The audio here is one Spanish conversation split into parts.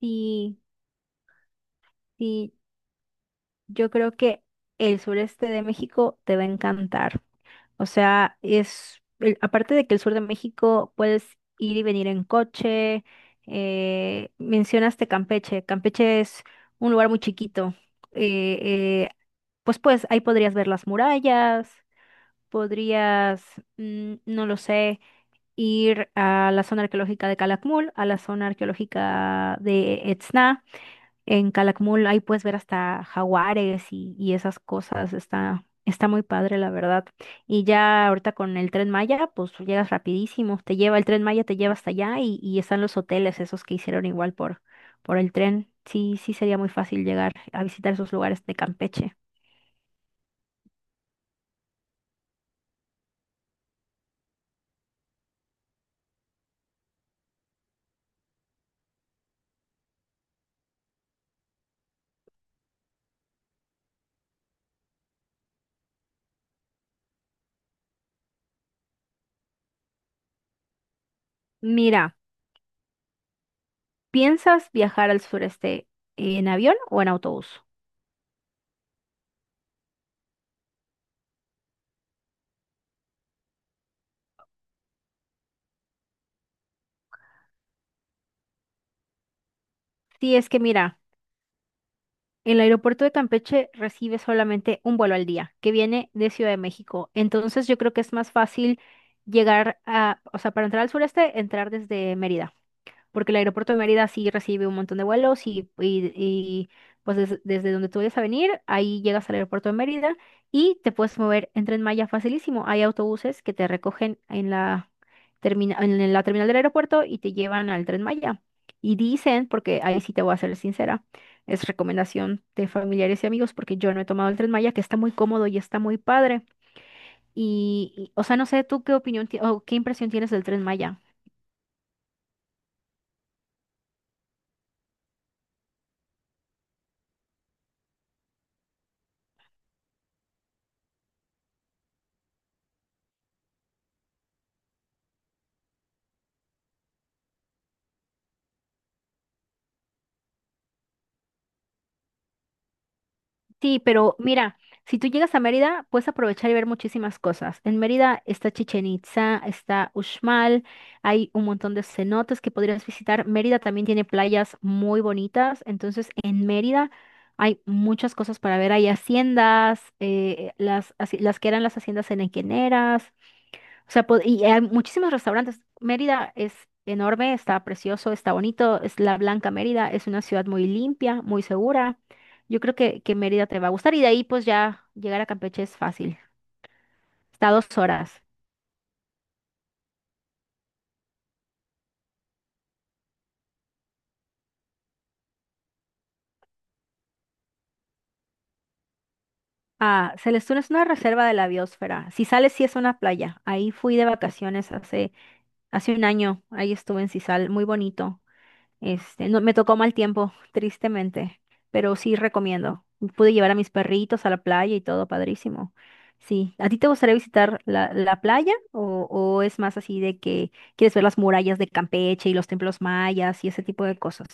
Sí, sí, yo creo que el sureste de México te va a encantar. O sea, es, aparte de que el sur de México puedes ir y venir en coche, mencionaste Campeche. Campeche es un lugar muy chiquito. eh, eh, pues ahí podrías ver las murallas, podrías, no lo sé, ir a la zona arqueológica de Calakmul, a la zona arqueológica de Etzna. En Calakmul ahí puedes ver hasta jaguares y esas cosas. Está muy padre, la verdad. Y ya ahorita con el Tren Maya, pues llegas rapidísimo. Te lleva, el Tren Maya te lleva hasta allá y están los hoteles, esos que hicieron igual por el tren. Sí, sí sería muy fácil llegar a visitar esos lugares de Campeche. Mira, ¿piensas viajar al sureste en avión o en autobús? Sí, es que mira, el aeropuerto de Campeche recibe solamente un vuelo al día que viene de Ciudad de México. Entonces yo creo que es más fácil llegar a, o sea, para entrar al sureste, entrar desde Mérida. Porque el aeropuerto de Mérida sí recibe un montón de vuelos y desde donde tú vayas a venir, ahí llegas al aeropuerto de Mérida y te puedes mover en Tren Maya facilísimo. Hay autobuses que te recogen en la, en la terminal del aeropuerto y te llevan al Tren Maya. Y dicen, porque ahí sí te voy a ser sincera, es recomendación de familiares y amigos porque yo no he tomado el Tren Maya, que está muy cómodo y está muy padre. O sea, no sé, ¿tú qué opinión o qué impresión tienes del Tren Maya? Sí, pero mira, si tú llegas a Mérida, puedes aprovechar y ver muchísimas cosas. En Mérida está Chichen Itza, está Uxmal, hay un montón de cenotes que podrías visitar. Mérida también tiene playas muy bonitas, entonces en Mérida hay muchas cosas para ver. Hay haciendas, las, las que eran las haciendas henequeneras, o sea, y hay muchísimos restaurantes. Mérida es enorme, está precioso, está bonito. Es la Blanca Mérida, es una ciudad muy limpia, muy segura. Yo creo que Mérida te va a gustar y de ahí pues ya llegar a Campeche es fácil. Está a 2 horas. Ah, Celestún es una reserva de la biosfera. Sisal es, sí es una playa. Ahí fui de vacaciones hace un año. Ahí estuve en Sisal, muy bonito. Este, no, me tocó mal tiempo, tristemente, pero sí recomiendo. Pude llevar a mis perritos a la playa y todo, padrísimo. Sí, ¿a ti te gustaría visitar la, la playa o es más así de que quieres ver las murallas de Campeche y los templos mayas y ese tipo de cosas?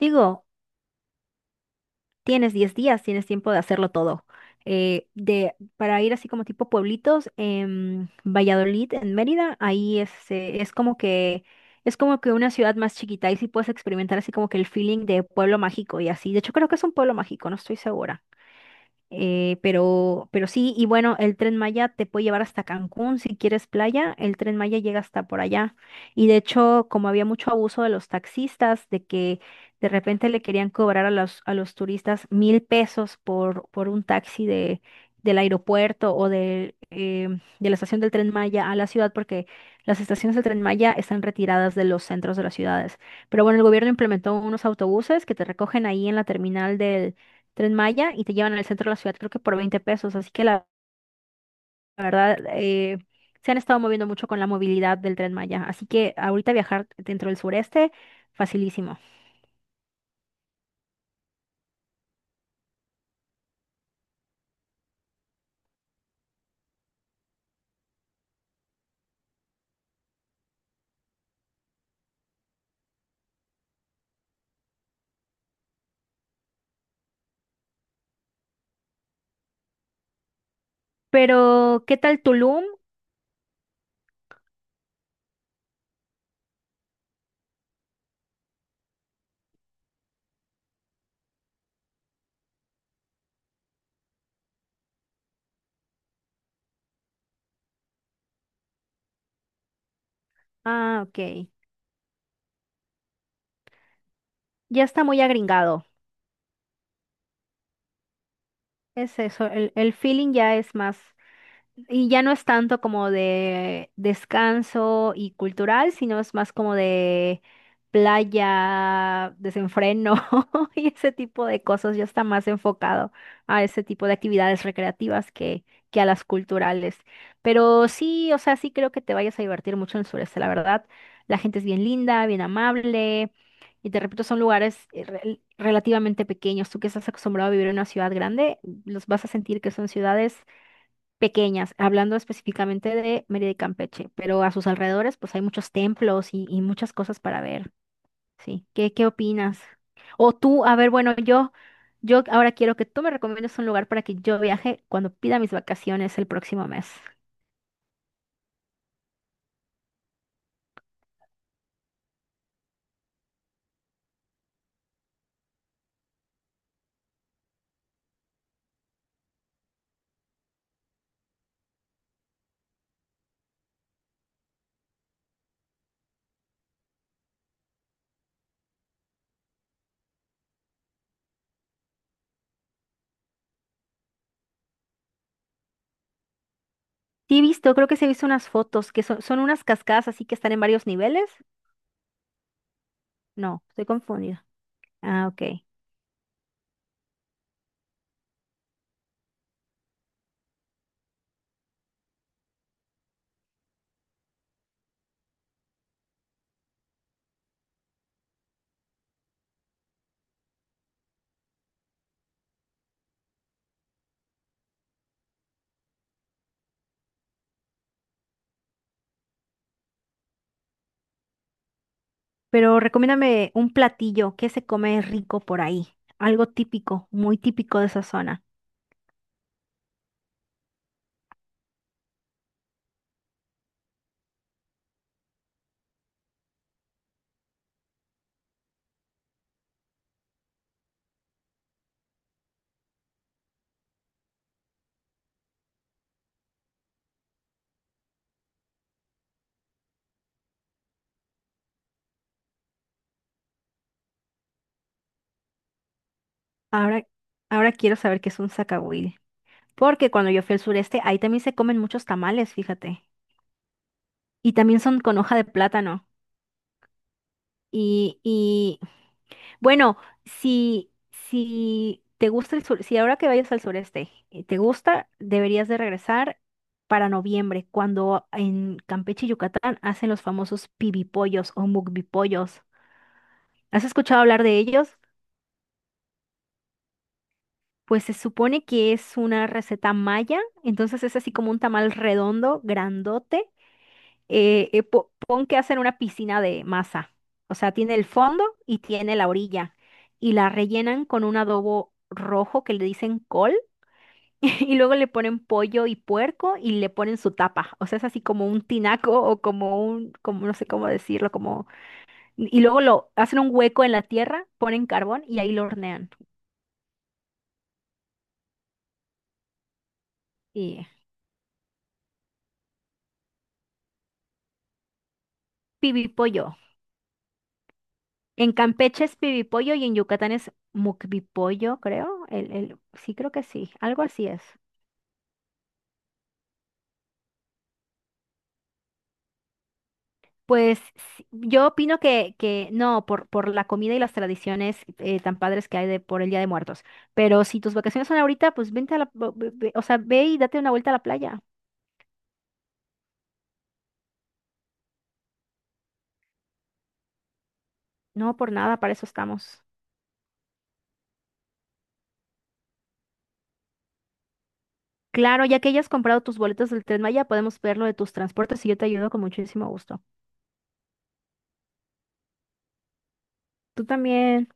Digo, tienes 10 días, tienes tiempo de hacerlo todo. Para ir así como tipo pueblitos, en Valladolid, en Mérida, ahí es, es como que una ciudad más chiquita y sí puedes experimentar así como que el feeling de pueblo mágico y así. De hecho, creo que es un pueblo mágico, no estoy segura. Pero sí, y bueno, el Tren Maya te puede llevar hasta Cancún si quieres playa, el Tren Maya llega hasta por allá. Y de hecho, como había mucho abuso de los taxistas, de que de repente le querían cobrar a a los turistas 1000 pesos por un taxi del aeropuerto o de la estación del Tren Maya a la ciudad, porque las estaciones del Tren Maya están retiradas de los centros de las ciudades. Pero bueno, el gobierno implementó unos autobuses que te recogen ahí en la terminal del Tren Maya y te llevan al centro de la ciudad, creo que por 20 pesos. Así que la verdad, se han estado moviendo mucho con la movilidad del Tren Maya. Así que ahorita viajar dentro del sureste, facilísimo. Pero, ¿qué tal Tulum? Ah, ok, ya está muy agringado. Es eso, el feeling ya es más. Y ya no es tanto como de descanso y cultural, sino es más como de playa, desenfreno y ese tipo de cosas. Ya está más enfocado a ese tipo de actividades recreativas que a las culturales. Pero sí, o sea, sí creo que te vayas a divertir mucho en el sureste, la verdad. La gente es bien linda, bien amable. Y te repito, son lugares relativamente pequeños. Tú que estás acostumbrado a vivir en una ciudad grande, los vas a sentir que son ciudades pequeñas, hablando específicamente de Mérida y Campeche, pero a sus alrededores pues hay muchos templos y muchas cosas para ver, ¿sí? Qué opinas? O tú, a ver, bueno, yo ahora quiero que tú me recomiendes un lugar para que yo viaje cuando pida mis vacaciones el próximo mes. Sí, he visto, creo que se he visto unas fotos que son, son unas cascadas así que están en varios niveles. No, estoy confundida. Ah, ok. Pero recomiéndame un platillo que se come rico por ahí, algo típico, muy típico de esa zona. Ahora, ahora quiero saber qué es un zacahuil. Porque cuando yo fui al sureste, ahí también se comen muchos tamales, fíjate. Y también son con hoja de plátano. Y, y bueno, si te gusta el sur, si ahora que vayas al sureste te gusta, deberías de regresar para noviembre, cuando en Campeche y Yucatán hacen los famosos pibipollos o mukbipollos. ¿Has escuchado hablar de ellos? Pues se supone que es una receta maya, entonces es así como un tamal redondo, grandote. Pon que hacen una piscina de masa. O sea, tiene el fondo y tiene la orilla. Y la rellenan con un adobo rojo que le dicen col. Y luego le ponen pollo y puerco y le ponen su tapa. O sea, es así como un tinaco o como un, como no sé cómo decirlo, como... Y luego lo hacen un hueco en la tierra, ponen carbón y ahí lo hornean. Y pibi pollo. En Campeche es pibipollo y en Yucatán es mukbipollo, creo. Sí, creo que sí. Algo así es. Pues sí, yo opino que no, por la comida y las tradiciones tan padres que hay de, por el Día de Muertos. Pero si tus vacaciones son ahorita, pues vente a la, o sea, ve y date una vuelta a la playa. No, por nada, para eso estamos. Claro, ya que hayas comprado tus boletos del Tren Maya, podemos ver lo de tus transportes y yo te ayudo con muchísimo gusto. Tú también.